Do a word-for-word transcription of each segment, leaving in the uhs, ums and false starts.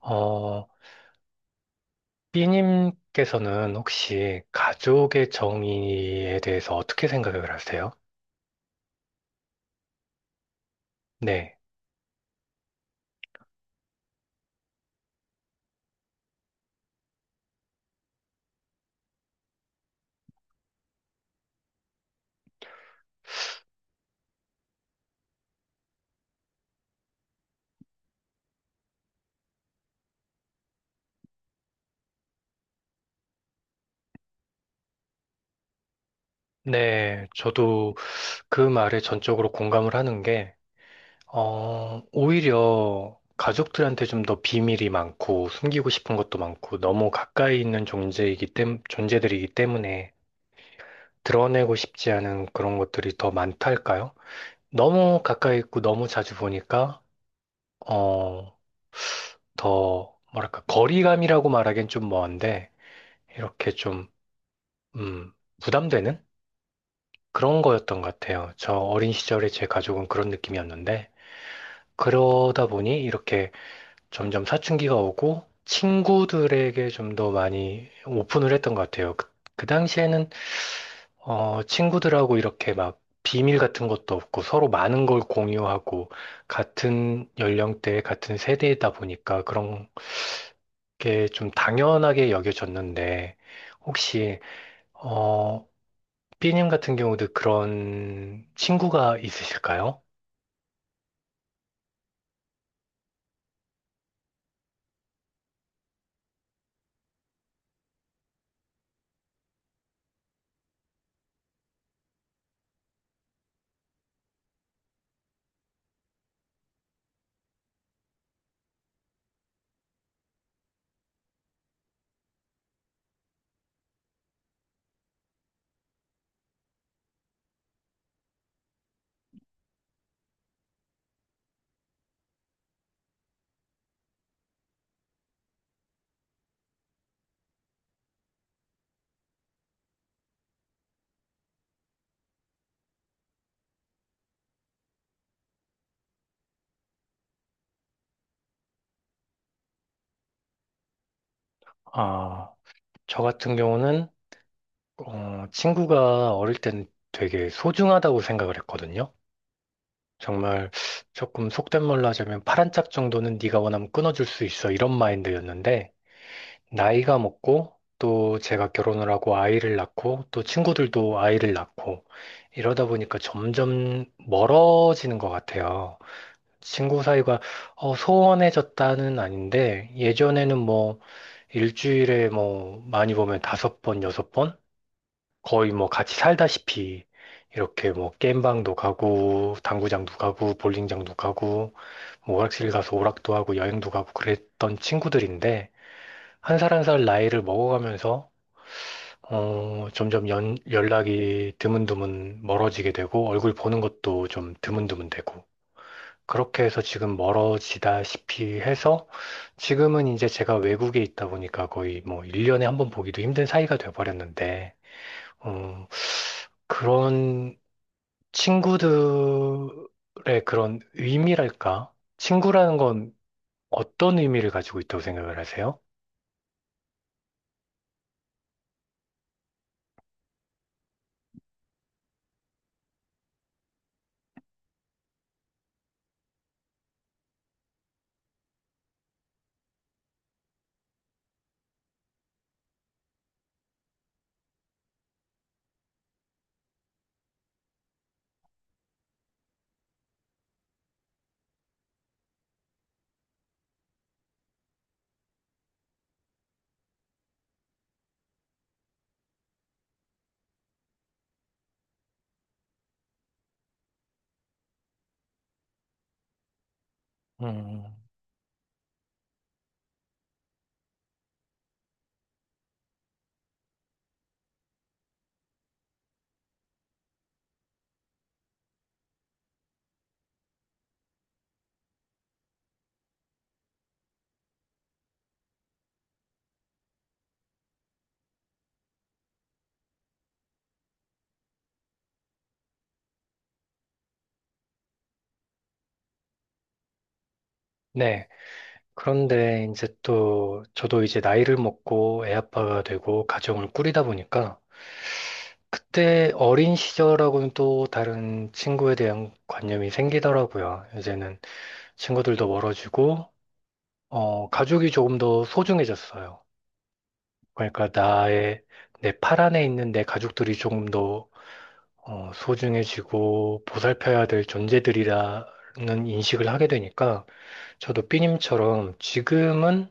어, B님께서는 혹시 가족의 정의에 대해서 어떻게 생각을 하세요? 네. 네, 저도 그 말에 전적으로 공감을 하는 게, 어, 오히려 가족들한테 좀 더 비밀이 많고, 숨기고 싶은 것도 많고, 너무 가까이 있는 존재이기 때, 존재들이기 때문에 드러내고 싶지 않은 그런 것들이 더 많달까요? 너무 가까이 있고, 너무 자주 보니까, 어, 더, 뭐랄까, 거리감이라고 말하기엔 좀 먼데, 이렇게 좀, 음, 부담되는 그런 거였던 것 같아요. 저 어린 시절에 제 가족은 그런 느낌이었는데, 그러다 보니 이렇게 점점 사춘기가 오고, 친구들에게 좀 더 많이 오픈을 했던 것 같아요. 그, 그 당시에는, 어, 친구들하고 이렇게 막 비밀 같은 것도 없고, 서로 많은 걸 공유하고, 같은 연령대, 같은 세대이다 보니까 그런 그게 좀 당연하게 여겨졌는데, 혹시, 어, B님 같은 경우도 그런 친구가 있으실까요? 아, 저 같은 경우는, 어, 친구가 어릴 땐 되게 소중하다고 생각을 했거든요. 정말 조금 속된 말로 하자면 파란 짝 정도는 네가 원하면 끊어줄 수 있어 이런 마인드였는데, 나이가 먹고 또 제가 결혼을 하고 아이를 낳고 또 친구들도 아이를 낳고 이러다 보니까 점점 멀어지는 것 같아요. 친구 사이가 어, 소원해졌다는 아닌데 예전에는 뭐 일주일에 뭐 많이 보면 다섯 번, 여섯 번 거의 뭐 같이 살다시피 이렇게 뭐 게임방도 가고 당구장도 가고 볼링장도 가고 뭐 오락실 가서 오락도 하고 여행도 가고 그랬던 친구들인데 한 살 한 살 나이를 먹어가면서 어, 점점 연, 연락이 드문드문 멀어지게 되고, 얼굴 보는 것도 좀 드문드문 되고. 그렇게 해서 지금 멀어지다시피 해서, 지금은 이제 제가 외국에 있다 보니까 거의 뭐 일 년에 한번 보기도 힘든 사이가 돼버렸는데, 어, 그런 친구들의 그런 의미랄까? 친구라는 건 어떤 의미를 가지고 있다고 생각을 하세요? 음, 네. 그런데 이제 또 저도 이제 나이를 먹고 애 아빠가 되고 가정을 꾸리다 보니까 그때 어린 시절하고는 또 다른 친구에 대한 관념이 생기더라고요. 이제는 친구들도 멀어지고 어, 가족이 조금 더 소중해졌어요. 그러니까 나의 내 팔 안에 있는 내 가족들이 조금 더 어, 소중해지고 보살펴야 될 존재들이라는 인식을 하게 되니까 저도 삐님처럼 지금은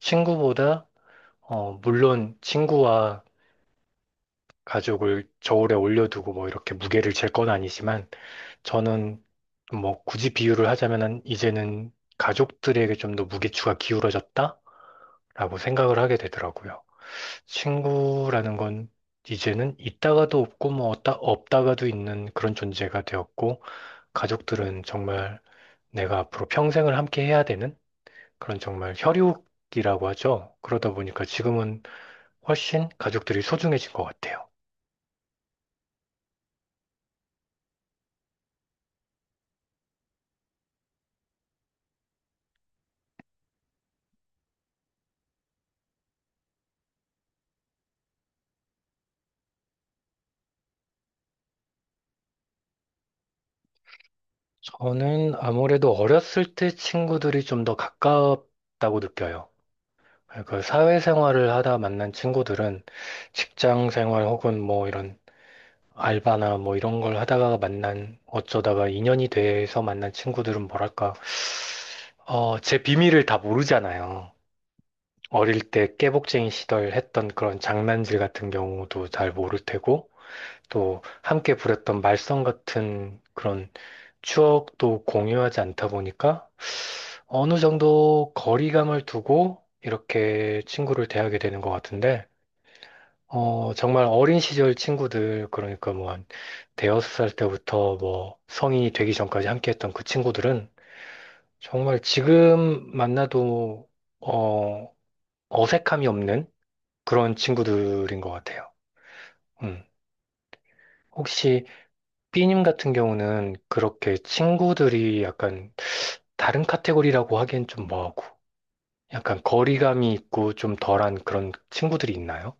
친구보다 어, 물론 친구와 가족을 저울에 올려두고 뭐 이렇게 무게를 잴 건 아니지만 저는 뭐 굳이 비유를 하자면은 이제는 가족들에게 좀 더 무게추가 기울어졌다라고 생각을 하게 되더라고요. 친구라는 건 이제는 있다가도 없고 뭐 없다, 없다가도 있는 그런 존재가 되었고 가족들은 정말 내가 앞으로 평생을 함께 해야 되는 그런 정말 혈육이라고 하죠. 그러다 보니까 지금은 훨씬 가족들이 소중해진 것 같아요. 저는 아무래도 어렸을 때 친구들이 좀 더 가깝다고 느껴요. 그 사회생활을 하다 만난 친구들은 직장 생활 혹은 뭐 이런 알바나 뭐 이런 걸 하다가 만난 어쩌다가 인연이 돼서 만난 친구들은 뭐랄까 어, 제 비밀을 다 모르잖아요. 어릴 때 깨복쟁이 시절 했던 그런 장난질 같은 경우도 잘 모를 테고 또 함께 부렸던 말썽 같은 그런 추억도 공유하지 않다 보니까 어느 정도 거리감을 두고 이렇게 친구를 대하게 되는 것 같은데, 어, 정말 어린 시절 친구들, 그러니까 뭐 한 대여섯 살 때부터 뭐 성인이 되기 전까지 함께 했던 그 친구들은 정말 지금 만나도, 어, 어색함이 없는 그런 친구들인 것 같아요. 음. 혹시 B님 같은 경우는 그렇게 친구들이 약간 다른 카테고리라고 하기엔 좀 뭐하고, 약간 거리감이 있고 좀 덜한 그런 친구들이 있나요?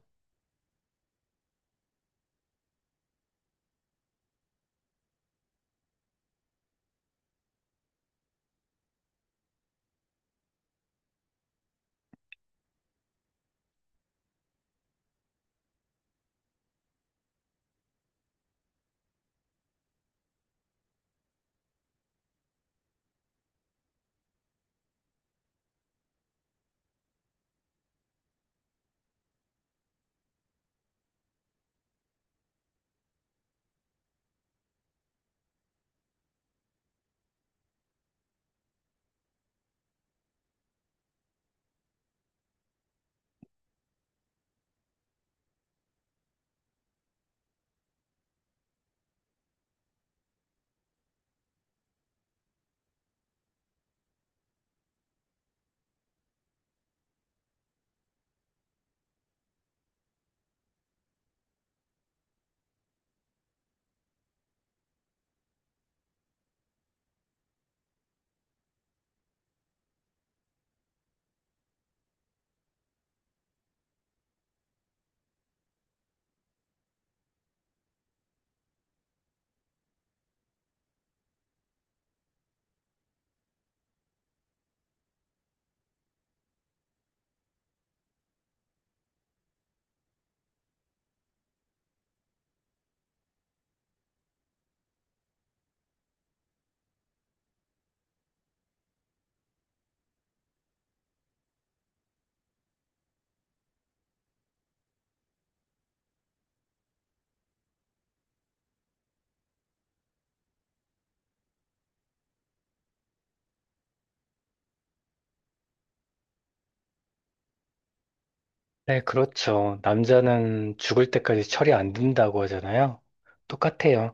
네, 그렇죠. 남자는 죽을 때까지 철이 안 든다고 하잖아요. 똑같아요.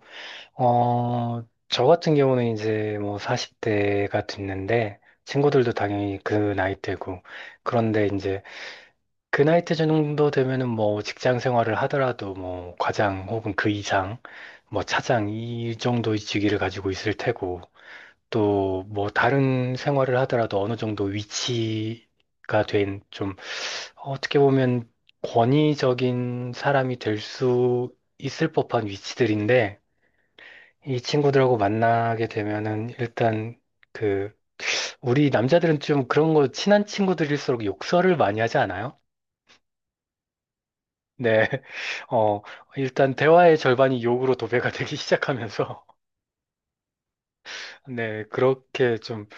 어, 저 같은 경우는 이제 뭐 사십 대가 됐는데, 친구들도 당연히 그 나이대고, 그런데 이제 그 나이대 정도 되면은 뭐 직장 생활을 하더라도 뭐 과장 혹은 그 이상, 뭐 차장 이 정도의 직위를 가지고 있을 테고, 또 뭐 다른 생활을 하더라도 어느 정도 위치가 된 좀 어떻게 보면 권위적인 사람이 될 수 있을 법한 위치들인데 이 친구들하고 만나게 되면은 일단 그 우리 남자들은 좀 그런 거 친한 친구들일수록 욕설을 많이 하지 않아요? 네. 어, 일단 대화의 절반이 욕으로 도배가 되기 시작하면서 네, 그렇게 좀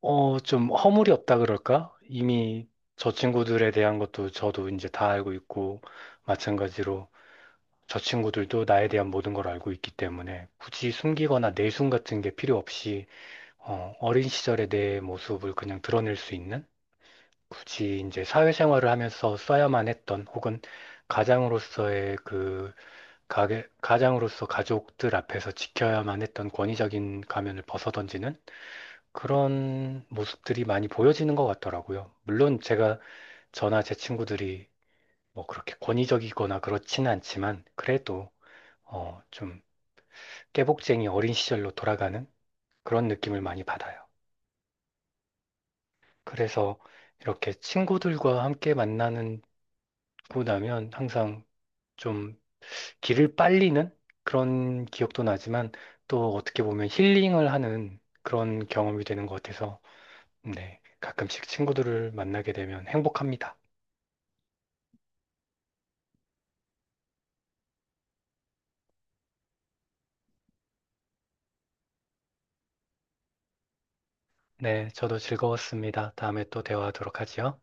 어, 좀 허물이 없다 그럴까? 이미 저 친구들에 대한 것도 저도 이제 다 알고 있고, 마찬가지로 저 친구들도 나에 대한 모든 걸 알고 있기 때문에 굳이 숨기거나 내숭 같은 게 필요 없이, 어, 어린 시절의 내 모습을 그냥 드러낼 수 있는? 굳이 이제 사회생활을 하면서 써야만 했던 혹은 가장으로서의 그, 가게, 가장으로서 가족들 앞에서 지켜야만 했던 권위적인 가면을 벗어던지는 그런 모습들이 많이 보여지는 것 같더라고요. 물론 제가 저나 제 친구들이 뭐 그렇게 권위적이거나 그렇지는 않지만 그래도 어, 좀 깨복쟁이 어린 시절로 돌아가는 그런 느낌을 많이 받아요. 그래서 이렇게 친구들과 함께 만나고 나면 항상 좀 길을 빨리는 그런 기억도 나지만 또 어떻게 보면 힐링을 하는 그런 경험이 되는 것 같아서 네, 가끔씩 친구들을 만나게 되면 행복합니다. 네, 저도 즐거웠습니다. 다음에 또 대화하도록 하지요.